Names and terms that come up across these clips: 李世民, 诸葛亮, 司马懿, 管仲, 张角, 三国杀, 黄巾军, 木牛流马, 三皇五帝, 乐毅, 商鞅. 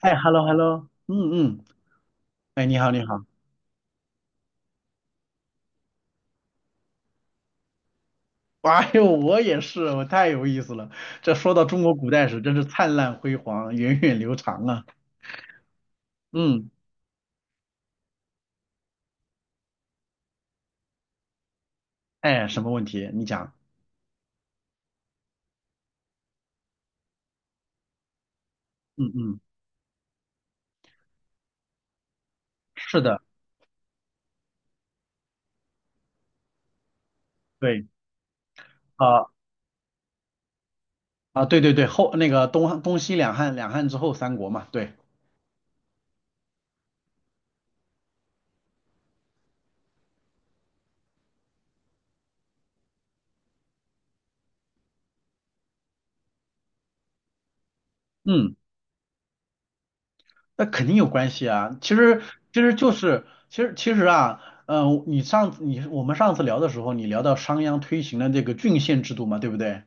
哎，hello hello，嗯嗯，哎，你好你好，哎呦，我也是，我太有意思了。这说到中国古代史，真是灿烂辉煌，源远流长啊。嗯，哎，什么问题？你讲。嗯嗯，是的，对，啊、啊，对对对，后那个东西两汉，两汉之后三国嘛，对，嗯，那肯定有关系啊。其实其实就是其实其实啊，你上次你我们上次聊的时候，你聊到商鞅推行了这个郡县制度嘛，对不对？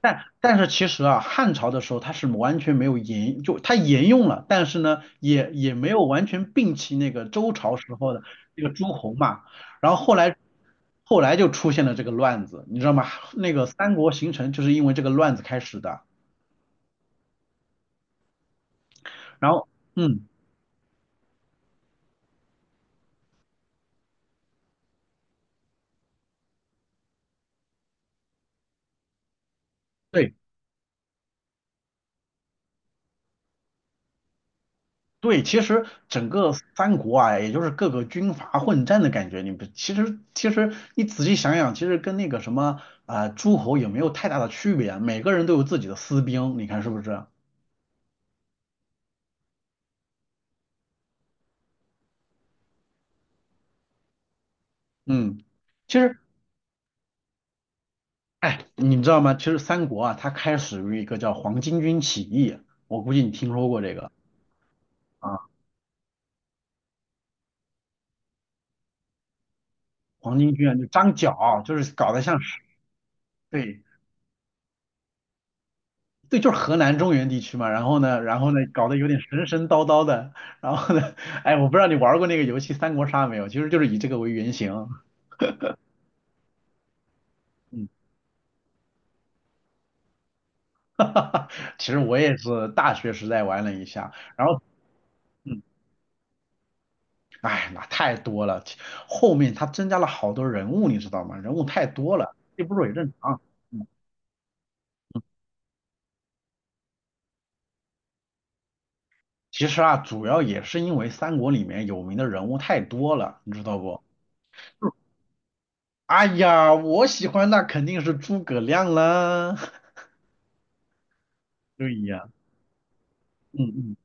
但是其实啊，汉朝的时候它是完全没有沿，就它沿用了，但是呢，也没有完全摒弃那个周朝时候的那个诸侯嘛。然后后来就出现了这个乱子，你知道吗？那个三国形成就是因为这个乱子开始的。然后，嗯，对。对，其实整个三国啊，也就是各个军阀混战的感觉。你不，其实你仔细想想，其实跟那个什么诸侯也没有太大的区别啊，每个人都有自己的私兵，你看是不是啊？嗯，其实哎，你知道吗？其实三国啊，它开始于一个叫黄巾军起义，我估计你听说过这个啊，黄巾军啊，就张角，就是搞得像是对。对，就是河南中原地区嘛，然后呢，然后呢，搞得有点神神叨叨的，然后呢，哎，我不知道你玩过那个游戏《三国杀》没有，其实就是以这个为原型，嗯，哈哈哈，其实我也是大学时代玩了一下，然后，哎，那太多了，后面它增加了好多人物，你知道吗？人物太多了，记不住也正常。嗯，其实啊，主要也是因为三国里面有名的人物太多了，你知道不？哎呀，我喜欢那肯定是诸葛亮啦，对呀，嗯嗯。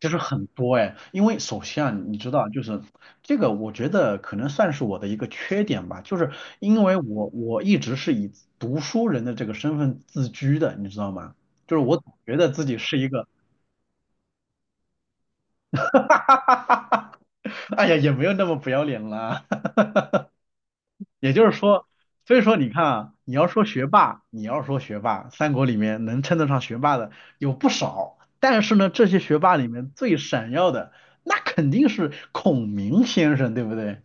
就是很多哎，因为首先啊，你知道啊，就是这个，我觉得可能算是我的一个缺点吧，就是因为我一直是以读书人的这个身份自居的，你知道吗？就是我总觉得自己是一个，哈哈哈哈哎呀，也没有那么不要脸啦。也就是说，所以说你看啊，你要说学霸，三国里面能称得上学霸的有不少，但是呢，这些学霸里面最闪耀的，那肯定是孔明先生，对不对？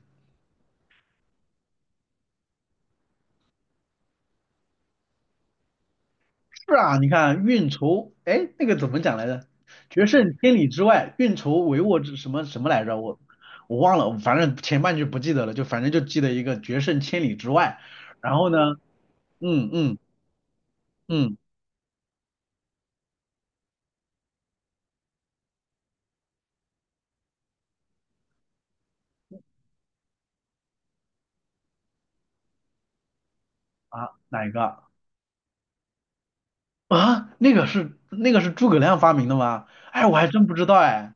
是啊，你看运筹，哎，那个怎么讲来着？决胜千里之外，运筹帷幄之什么什么来着？我忘了，反正前半句不记得了，就反正就记得一个决胜千里之外。然后呢，嗯嗯嗯，啊，哪一个啊？那个是诸葛亮发明的吗？哎，我还真不知道哎。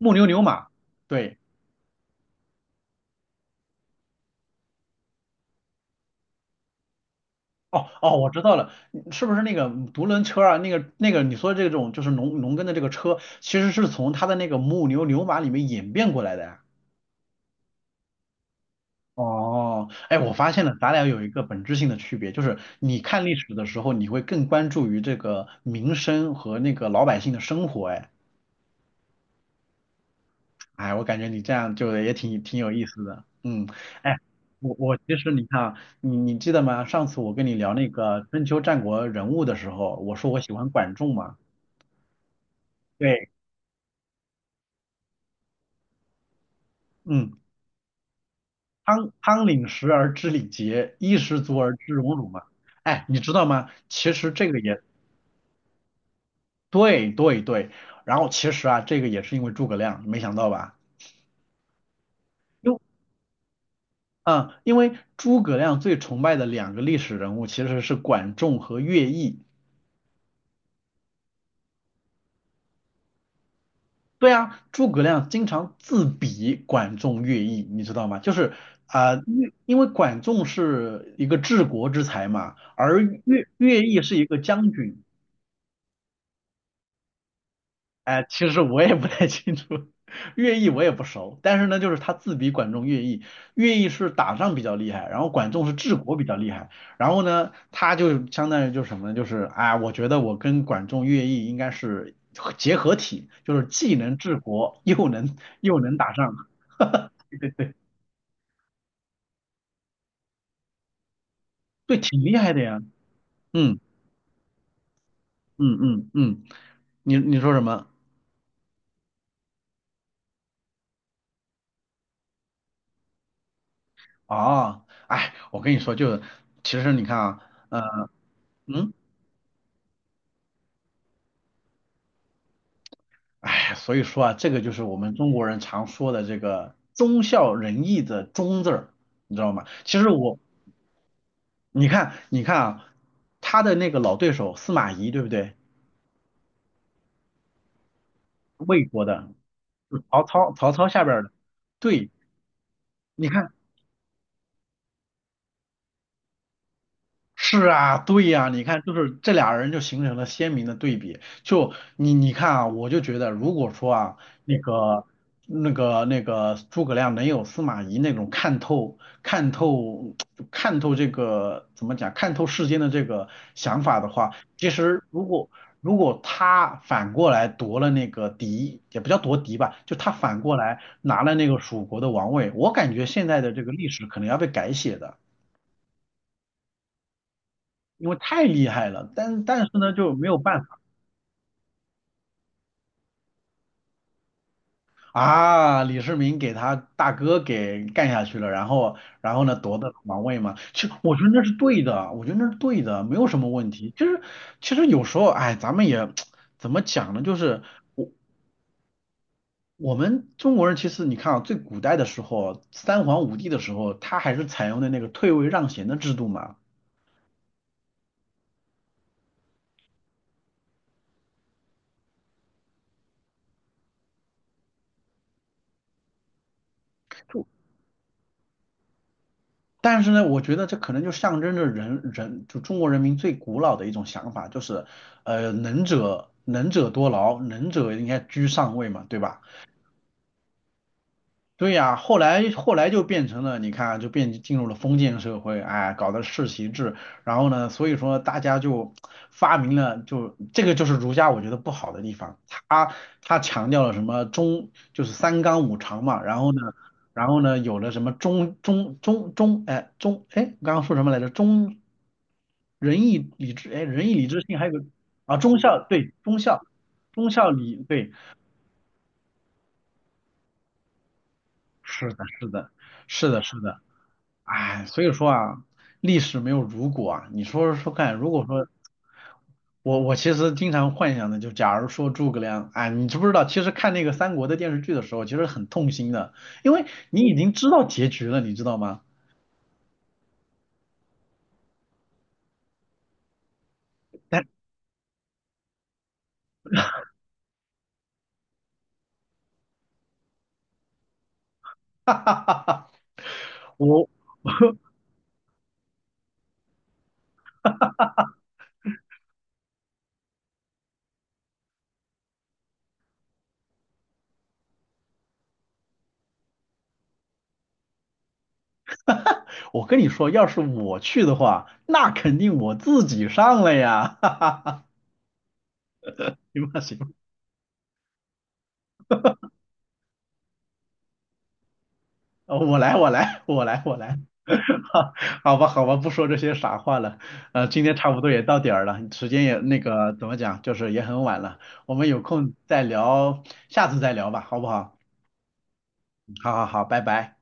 木牛流马，对，哦哦，我知道了，是不是那个独轮车啊？那个你说这种就是农耕的这个车，其实是从他的那个木牛流马里面演变过来的呀哦，哎，我发现了，咱俩有一个本质性的区别，就是你看历史的时候，你会更关注于这个民生和那个老百姓的生活。哎，哎，我感觉你这样就也挺有意思的。嗯，哎，我其实你看啊，你记得吗？上次我跟你聊那个春秋战国人物的时候，我说我喜欢管仲嘛。对，嗯，汤领食而知礼节，衣食足而知荣辱嘛。哎，你知道吗？其实这个也对对对，然后其实啊，这个也是因为诸葛亮，没想到吧？因为嗯，因为诸葛亮最崇拜的两个历史人物其实是管仲和乐毅。对啊，诸葛亮经常自比管仲、乐毅，你知道吗？就是啊，因为管仲是一个治国之才嘛，而乐毅是一个将军。哎，其实我也不太清楚，乐毅我也不熟，但是呢，就是他自比管仲乐毅，乐毅是打仗比较厉害，然后管仲是治国比较厉害，然后呢，他就相当于就是什么呢？就是啊，我觉得我跟管仲乐毅应该是结合体，就是既能治国又能打仗，对，挺厉害的呀。嗯嗯嗯嗯，你说什么？哦，哎，我跟你说，就其实你看啊，呃，嗯。哎，所以说啊，这个就是我们中国人常说的这个忠孝仁义的忠字儿，你知道吗？其实我，你看啊，他的那个老对手司马懿，对不对？魏国的，就曹操，下边儿的。对，你看是啊，对呀，你看，就是这俩人就形成了鲜明的对比。你看啊，我就觉得，如果说啊，那个、那个诸葛亮能有司马懿那种看透、看透这个怎么讲，看透世间的这个想法的话，其实如果他反过来夺了那个嫡，也不叫夺嫡吧，就他反过来拿了那个蜀国的王位，我感觉现在的这个历史可能要被改写的。因为太厉害了，但是呢就没有办法啊，李世民给他大哥给干下去了，然后呢夺得王位嘛，其实我觉得那是对的，我觉得那是对的，没有什么问题。就是其实有时候哎，咱们也 怎么讲呢，就是我们中国人其实你看啊，最古代的时候，三皇五帝的时候，他还是采用的那个退位让贤的制度嘛。但是呢，我觉得这可能就象征着人人就中国人民最古老的一种想法，就是能者多劳，能者应该居上位嘛，对吧？对呀，后来就变成了，你看啊就变进入了封建社会，哎，搞的世袭制，然后呢，所以说大家就发明了，就这个就是儒家我觉得不好的地方，他强调了什么中就是三纲五常嘛，然后呢。然后呢，有了什么中，哎，我刚刚说什么来着？中仁义礼智，哎，仁义礼智信还有个啊，忠孝，对，忠孝，忠孝礼，对，是的，是的，是的，是的，哎，所以说啊，历史没有如果啊，你说说看，如果说我其实经常幻想的，就假如说诸葛亮，哎，你知不知道，其实看那个三国的电视剧的时候，其实很痛心的，因为你已经知道结局了，你知道吗？但 哈哈哈哈，我我跟你说，要是我去的话，那肯定我自己上了呀，哈哈哈，行吧，行。我来，我来，我来，我来，好好吧，好吧，不说这些傻话了。今天差不多也到点儿了，时间也那个怎么讲，就是也很晚了。我们有空再聊，下次再聊吧，好不好？好好好，拜拜。